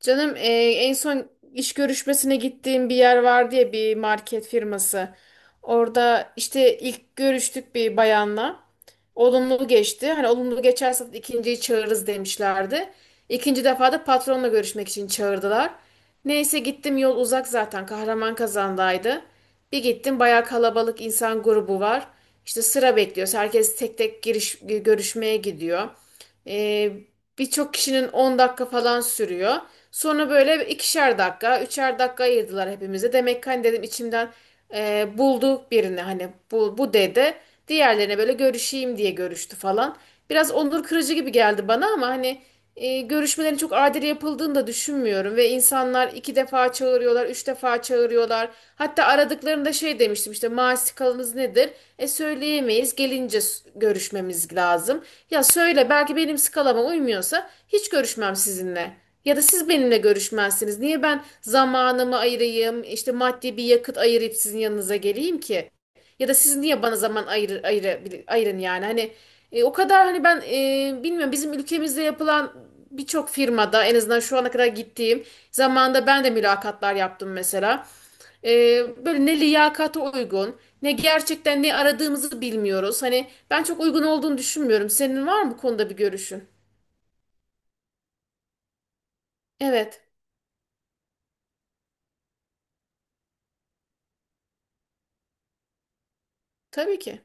Canım en son iş görüşmesine gittiğim bir yer vardı ya, bir market firması. Orada işte ilk görüştük bir bayanla. Olumlu geçti. Hani olumlu geçerse ikinciyi çağırırız demişlerdi. İkinci defa da patronla görüşmek için çağırdılar. Neyse gittim, yol uzak zaten, Kahraman kazandaydı. Bir gittim, bayağı kalabalık insan grubu var. İşte sıra bekliyoruz. Herkes tek tek giriş, görüşmeye gidiyor. Ee, birçok kişinin 10 dakika falan sürüyor. Sonra böyle ikişer dakika, üçer dakika ayırdılar hepimize. Demek ki, hani dedim içimden, buldu birini, hani bu, dedi. Diğerlerine böyle görüşeyim diye görüştü falan. Biraz onur kırıcı gibi geldi bana ama hani, görüşmelerin çok adil yapıldığını da düşünmüyorum ve insanlar iki defa çağırıyorlar, üç defa çağırıyorlar. Hatta aradıklarında şey demiştim, işte maaş skalanız nedir? E söyleyemeyiz, gelince görüşmemiz lazım. Ya söyle, belki benim skalama uymuyorsa hiç görüşmem sizinle. Ya da siz benimle görüşmezsiniz. Niye ben zamanımı ayırayım, işte maddi bir yakıt ayırıp sizin yanınıza geleyim ki? Ya da siz niye bana zaman ayırın yani? Hani, o kadar hani ben, bilmiyorum, bizim ülkemizde yapılan birçok firmada, en azından şu ana kadar gittiğim zamanda, ben de mülakatlar yaptım mesela. Böyle ne liyakata uygun, ne gerçekten ne aradığımızı bilmiyoruz. Hani ben çok uygun olduğunu düşünmüyorum. Senin var mı bu konuda bir görüşün? Evet, tabii ki.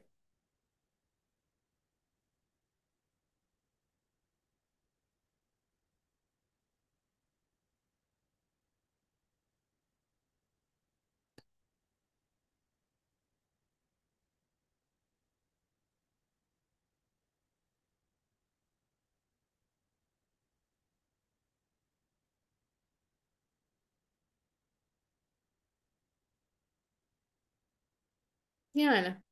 Yani,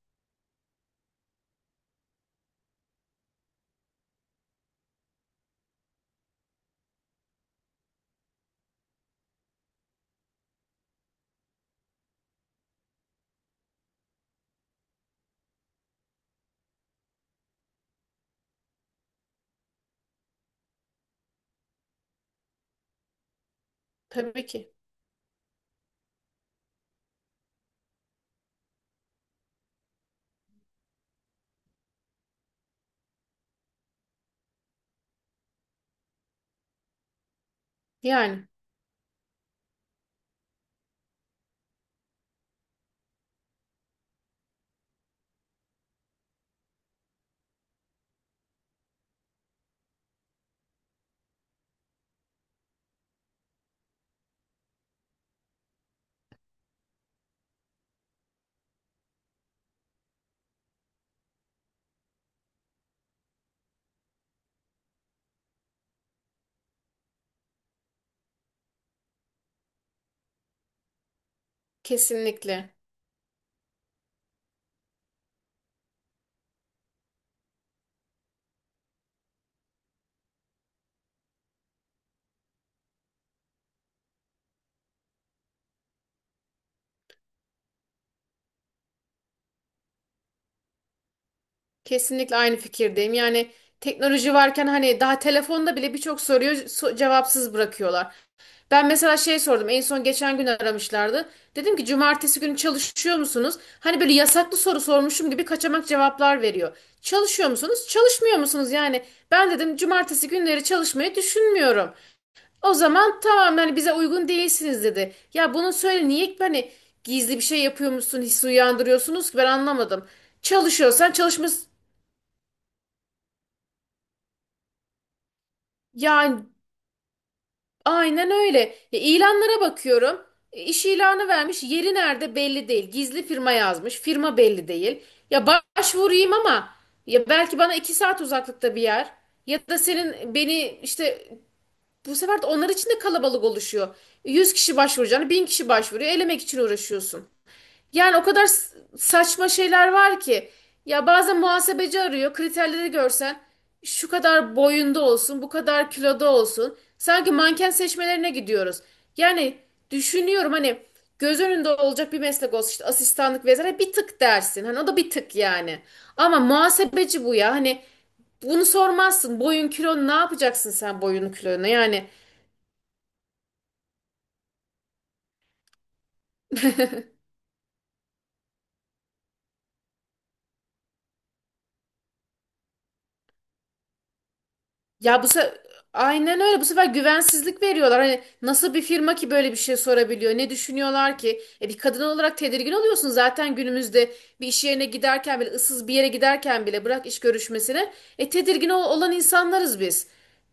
tabii ki. Yani, kesinlikle. Kesinlikle aynı fikirdeyim. Yani teknoloji varken, hani daha telefonda bile birçok soruyu cevapsız bırakıyorlar. Ben mesela şey sordum. En son geçen gün aramışlardı. Dedim ki cumartesi günü çalışıyor musunuz? Hani böyle yasaklı soru sormuşum gibi kaçamak cevaplar veriyor. Çalışıyor musunuz? Çalışmıyor musunuz? Yani ben dedim cumartesi günleri çalışmayı düşünmüyorum. O zaman tamam, yani bize uygun değilsiniz dedi. Ya bunu söyle, niye hani gizli bir şey yapıyormuşsun hissi uyandırıyorsunuz ki, ben anlamadım. Çalışıyorsan çalışma. Yani, aynen öyle. İlanlara bakıyorum. İş ilanı vermiş. Yeri nerede belli değil. Gizli firma yazmış. Firma belli değil. Ya başvurayım ama, ya belki bana iki saat uzaklıkta bir yer. Ya da senin beni işte, bu sefer de onlar için de kalabalık oluşuyor. 100 kişi başvuracağını 1000 kişi başvuruyor. Elemek için uğraşıyorsun. Yani o kadar saçma şeyler var ki. Ya bazen muhasebeci arıyor. Kriterleri görsen, şu kadar boyunda olsun, bu kadar kiloda olsun. Sanki manken seçmelerine gidiyoruz. Yani düşünüyorum, hani göz önünde olacak bir meslek olsun, işte asistanlık vesaire, bir tık dersin. Hani o da bir tık yani. Ama muhasebeci bu ya. Hani bunu sormazsın. Boyun kilon ne yapacaksın, sen boyun kilonu? Yani, Ya bu se aynen öyle. Bu sefer güvensizlik veriyorlar. Hani nasıl bir firma ki böyle bir şey sorabiliyor? Ne düşünüyorlar ki? E bir kadın olarak tedirgin oluyorsun zaten, günümüzde bir iş yerine giderken bile, ıssız bir yere giderken bile, bırak iş görüşmesine. E tedirgin olan insanlarız biz.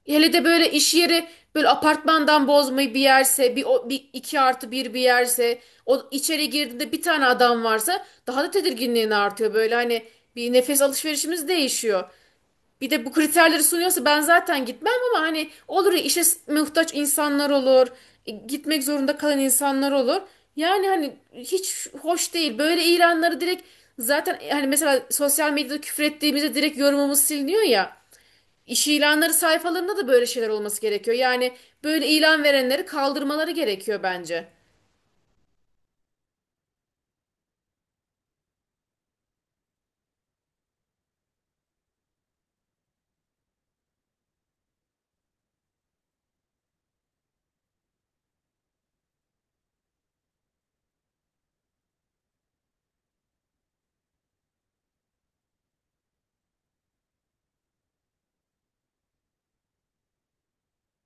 Hele de böyle iş yeri, böyle apartmandan bozmayı bir yerse, bir, bir iki artı bir bir yerse, o içeri girdiğinde bir tane adam varsa, daha da tedirginliğin artıyor. Böyle hani bir nefes alışverişimiz değişiyor. Bir de bu kriterleri sunuyorsa ben zaten gitmem, ama hani olur ya, işe muhtaç insanlar olur, gitmek zorunda kalan insanlar olur. Yani hani hiç hoş değil. Böyle ilanları direkt, zaten hani mesela sosyal medyada küfür ettiğimizde direkt yorumumuz siliniyor ya. İş ilanları sayfalarında da böyle şeyler olması gerekiyor. Yani böyle ilan verenleri kaldırmaları gerekiyor bence.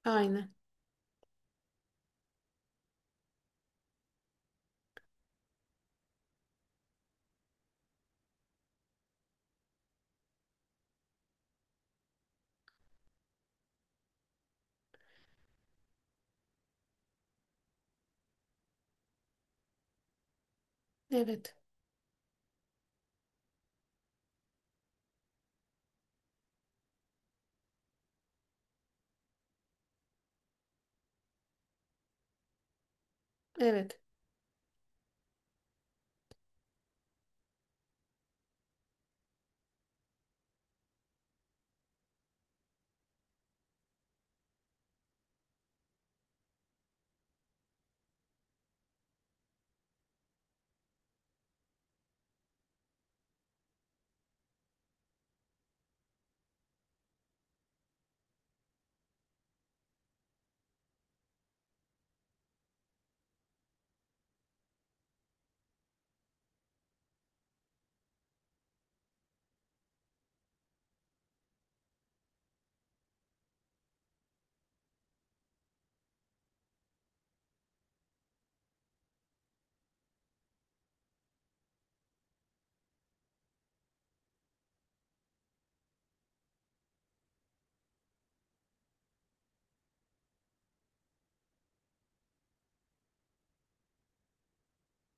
Aynen. Evet. Evet.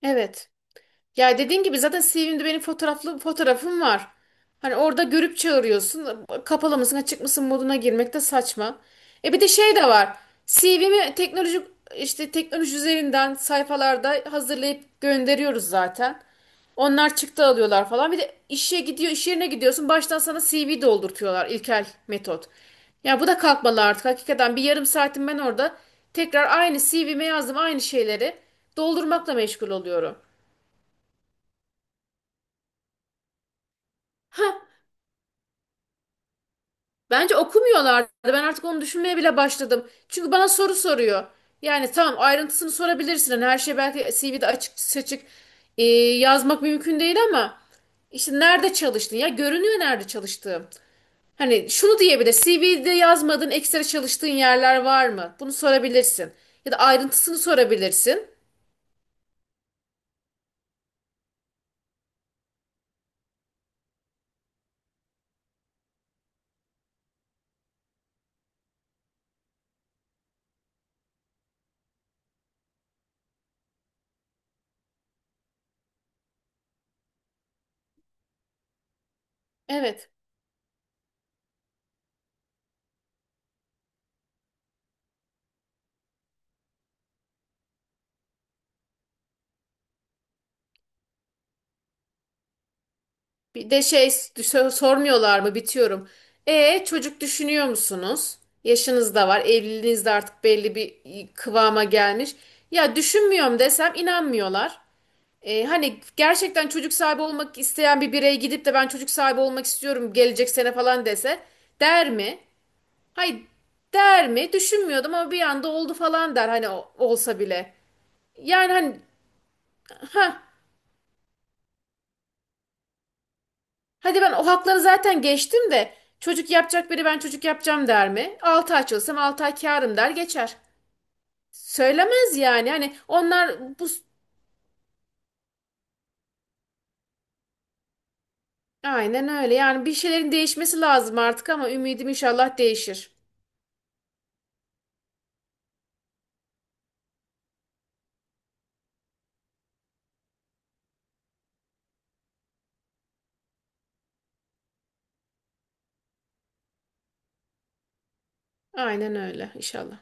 Evet. Ya dediğim gibi, zaten CV'mde benim fotoğraflı fotoğrafım var. Hani orada görüp çağırıyorsun. Kapalı mısın, açık mısın moduna girmek de saçma. E bir de şey de var. CV'mi teknoloji, işte teknoloji üzerinden sayfalarda hazırlayıp gönderiyoruz zaten. Onlar çıktı alıyorlar falan. Bir de işe gidiyor, iş yerine gidiyorsun. Baştan sana CV doldurtuyorlar, ilkel metot. Ya bu da kalkmalı artık. Hakikaten bir yarım saatim ben orada tekrar aynı CV'me yazdım, aynı şeyleri doldurmakla meşgul oluyorum. Bence okumuyorlardı. Ben artık onu düşünmeye bile başladım. Çünkü bana soru soruyor. Yani tamam, ayrıntısını sorabilirsin. Hani her şey belki CV'de açık seçik e, yazmak mümkün değil ama işte nerede çalıştın? Ya görünüyor nerede çalıştığım. Hani şunu diyebilir: CV'de yazmadığın ekstra çalıştığın yerler var mı? Bunu sorabilirsin. Ya da ayrıntısını sorabilirsin. Evet. Bir de şey sormuyorlar mı, bitiyorum. E çocuk düşünüyor musunuz? Yaşınız da var, evliliğiniz de artık belli bir kıvama gelmiş. Ya düşünmüyorum desem inanmıyorlar. Hani gerçekten çocuk sahibi olmak isteyen bir birey gidip de ben çocuk sahibi olmak istiyorum gelecek sene falan dese, der mi? Hayır. Der mi? Düşünmüyordum ama bir anda oldu falan der, hani olsa bile. Yani hani ha. Hadi ben o hakları zaten geçtim de, çocuk yapacak biri ben çocuk yapacağım der mi? 6 ay çalışsam 6 ay kârım der geçer. Söylemez yani. Hani onlar bu, aynen öyle. Yani bir şeylerin değişmesi lazım artık ama ümidim, inşallah değişir. Aynen öyle inşallah.